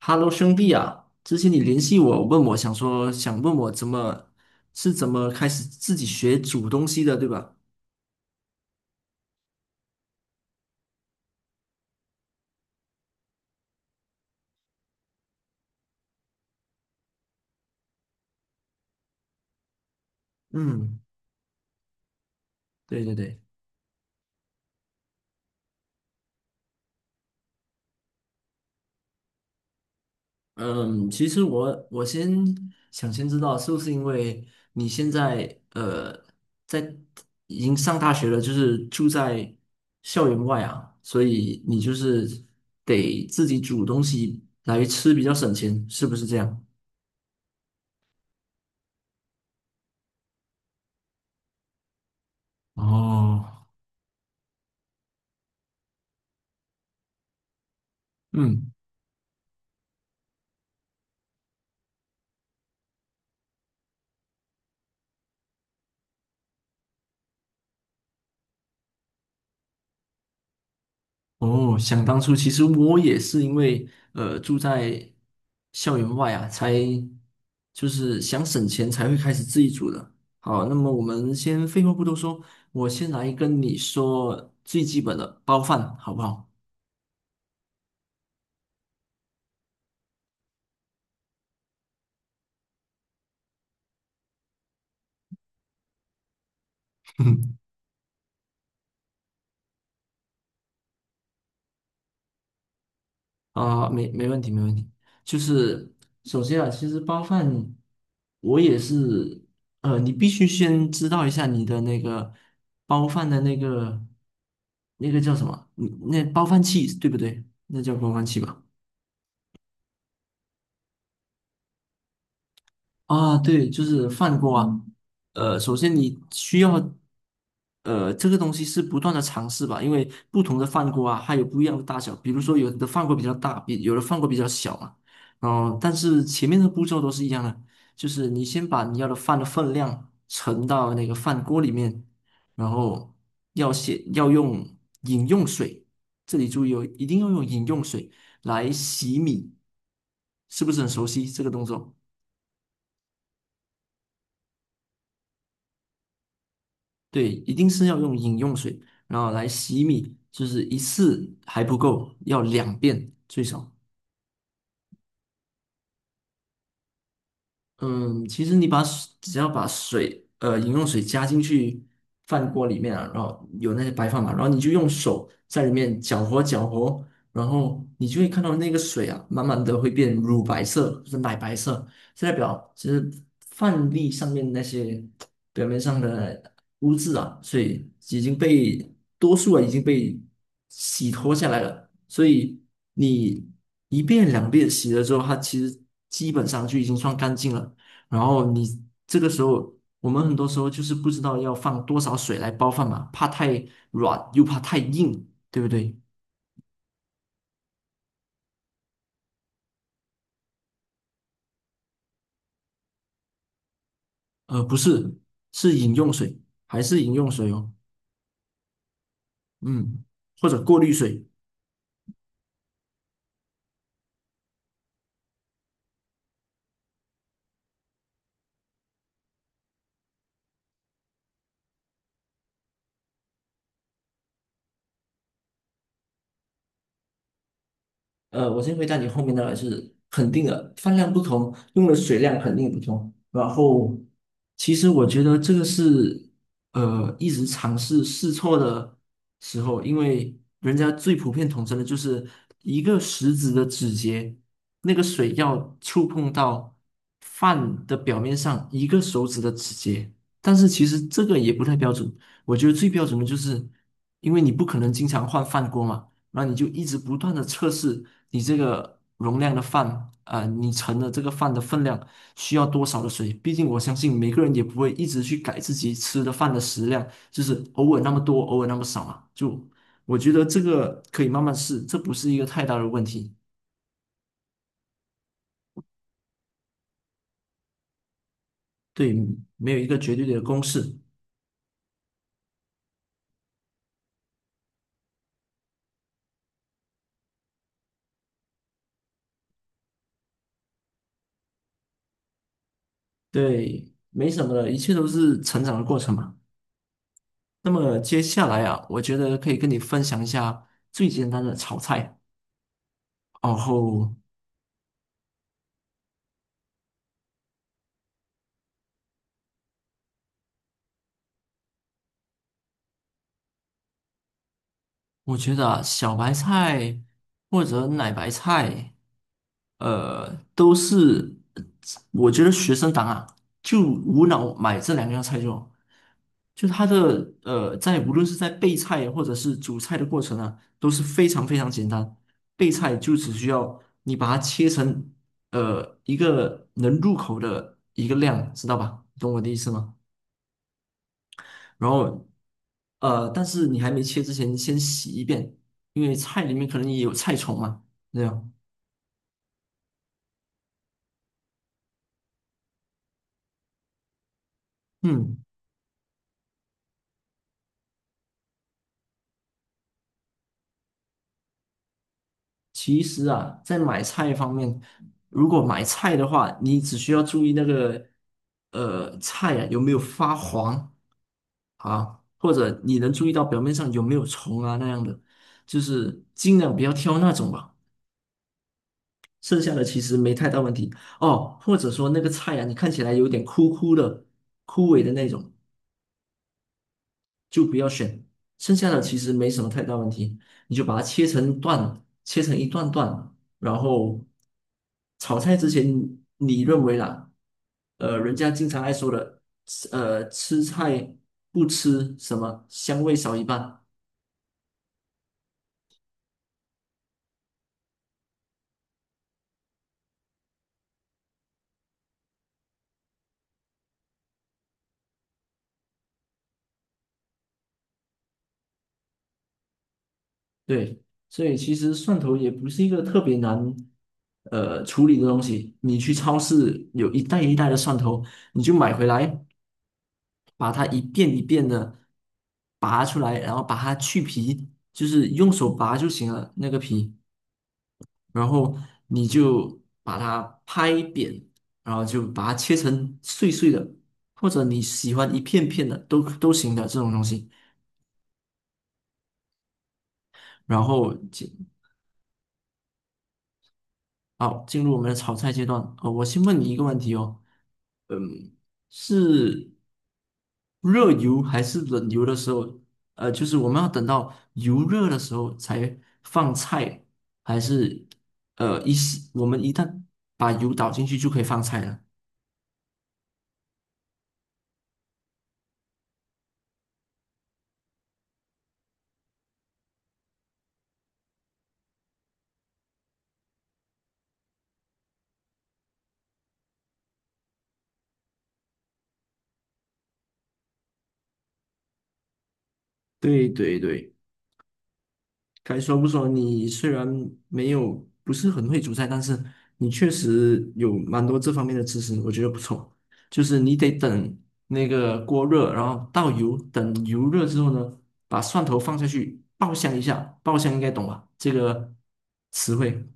Hello，兄弟啊，之前你联系我，问我想说，想问我怎么是怎么开始自己学煮东西的，对吧？嗯，对对对，嗯，其实我我先想先知道是不是因为你现在呃在已经上大学了，就是住在校园外啊，所以你就是得自己煮东西来吃比较省钱，是不是这样？哦，嗯。哦，想当初，其实我也是因为呃住在校园外啊，才就是想省钱才会开始自己煮的。好，那么我们先废话不多说，我先来跟你说最基本的包饭，好不好？啊，没没问题，没问题。就是首先啊，其实包饭，我也是，呃，你必须先知道一下你的那个包饭的那个那个叫什么，嗯那包饭器对不对？那叫包饭器吧。啊，对，就是饭锅啊。呃，首先你需要，呃，这个东西是不断的尝试吧，因为不同的饭锅啊，它有不一样的大小。比如说，有的饭锅比较大，比有的饭锅比较小嘛。然后，但是前面的步骤都是一样的，就是你先把你要的饭的分量盛到那个饭锅里面，然后要先要用饮用水，这里注意哦，一定要用饮用水来洗米，是不是很熟悉这个动作？对，一定是要用饮用水，然后来洗米，就是一次还不够，要两遍最少。嗯，其实你把水只要把水，呃，饮用水加进去饭锅里面啊，然后有那些白饭嘛，然后你就用手在里面搅和搅和，然后你就会看到那个水啊，慢慢的会变乳白色，就是奶白色，这代表其实饭粒上面那些表面上的污渍啊，所以已经被多数啊已经被洗脱下来了，所以你一遍两遍洗了之后，它其实基本上就已经算干净了。然后你这个时候，我们很多时候就是不知道要放多少水来煲饭嘛，怕太软又怕太硬，对不对？呃，不是，是饮用水，还是饮用水哦，嗯，或者过滤水。呃，我先回答你后面的是肯定的，饭量不同，用的水量肯定不同。然后，其实我觉得这个是呃一直尝试试错的时候，因为人家最普遍统称的就是一个食指的指节，那个水要触碰到饭的表面上一个手指的指节，但是其实这个也不太标准。我觉得最标准的就是，因为你不可能经常换饭锅嘛。那你就一直不断的测试你这个容量的饭啊、你盛的这个饭的分量需要多少的水？毕竟我相信每个人也不会一直去改自己吃的饭的食量，就是偶尔那么多，偶尔那么少嘛。就我觉得这个可以慢慢试，这不是一个太大的问题。对，没有一个绝对的公式，对，没什么的，一切都是成长的过程嘛。那么接下来啊，我觉得可以跟你分享一下最简单的炒菜，然后我觉得啊，小白菜或者奶白菜，呃，都是我觉得学生党啊，就无脑买这两样菜就好，就它的呃，在无论是在备菜或者是煮菜的过程啊，都是非常非常简单。备菜就只需要你把它切成呃一个能入口的一个量，知道吧？懂我的意思吗？然后呃，但是你还没切之前，先洗一遍，因为菜里面可能也有菜虫嘛。这样，嗯，其实啊，在买菜方面，如果买菜的话，你只需要注意那个呃菜啊有没有发黄啊，或者你能注意到表面上有没有虫啊那样的，就是尽量不要挑那种吧。剩下的其实没太大问题哦，或者说那个菜啊，你看起来有点枯枯的、枯萎的那种。就不要选，剩下的其实没什么太大问题，你就把它切成段，切成一段段，然后炒菜之前，你认为啦，呃，人家经常爱说的，呃，吃菜不吃什么香味少一半，对，所以其实蒜头也不是一个特别难。呃，处理的东西，你去超市有一袋一袋的蒜头，你就买回来，把它一遍一遍的拔出来，然后把它去皮，就是用手拔就行了那个皮，然后你就把它拍扁，然后就把它切成碎碎的，或者你喜欢一片片的都都行的这种东西，然后好，进入我们的炒菜阶段。呃，我先问你一个问题哦，嗯，是热油还是冷油的时候？呃，就是我们要等到油热的时候才放菜，还是呃一时我们一旦把油倒进去就可以放菜了？对对对，该说不说，你虽然没有不是很会煮菜，但是你确实有蛮多这方面的知识，我觉得不错。就是你得等那个锅热，然后倒油，等油热之后呢，把蒜头放下去爆香一下，爆香应该懂吧？这个词汇，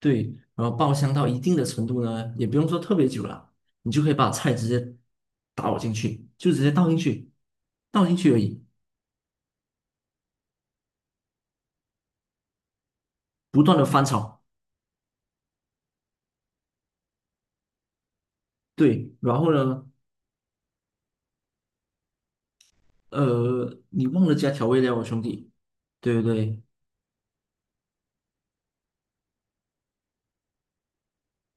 对，然后爆香到一定的程度呢，也不用说特别久了，你就可以把菜直接倒进去，就直接倒进去，倒进去而已，不断的翻炒。对，然后呢？呃，你忘了加调味料啊，兄弟。对对对，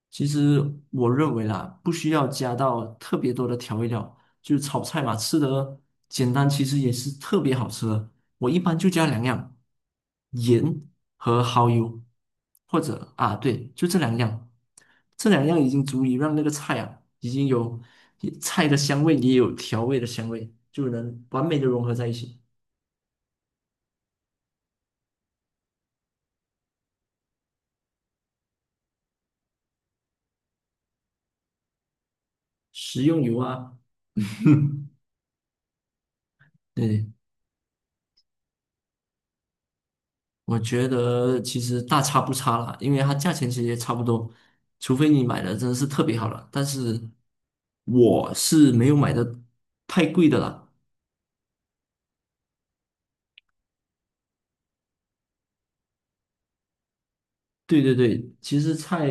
其实我认为啦，不需要加到特别多的调味料，就是炒菜嘛，吃的简单，其实也是特别好吃的。我一般就加两样，盐和蚝油，或者啊，对，就这两样，这两样已经足以让那个菜啊，已经有菜的香味，也有调味的香味，就能完美的融合在一起。食用油啊。对，我觉得其实大差不差啦，因为它价钱其实也差不多，除非你买的真的是特别好了。但是我是没有买的太贵的啦。对对对，其实菜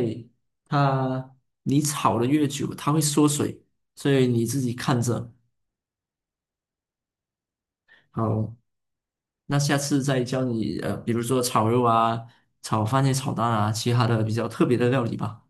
它你炒的越久，它会缩水，所以你自己看着。好，那下次再教你呃，比如说炒肉啊、炒番茄炒蛋啊，其他的比较特别的料理吧。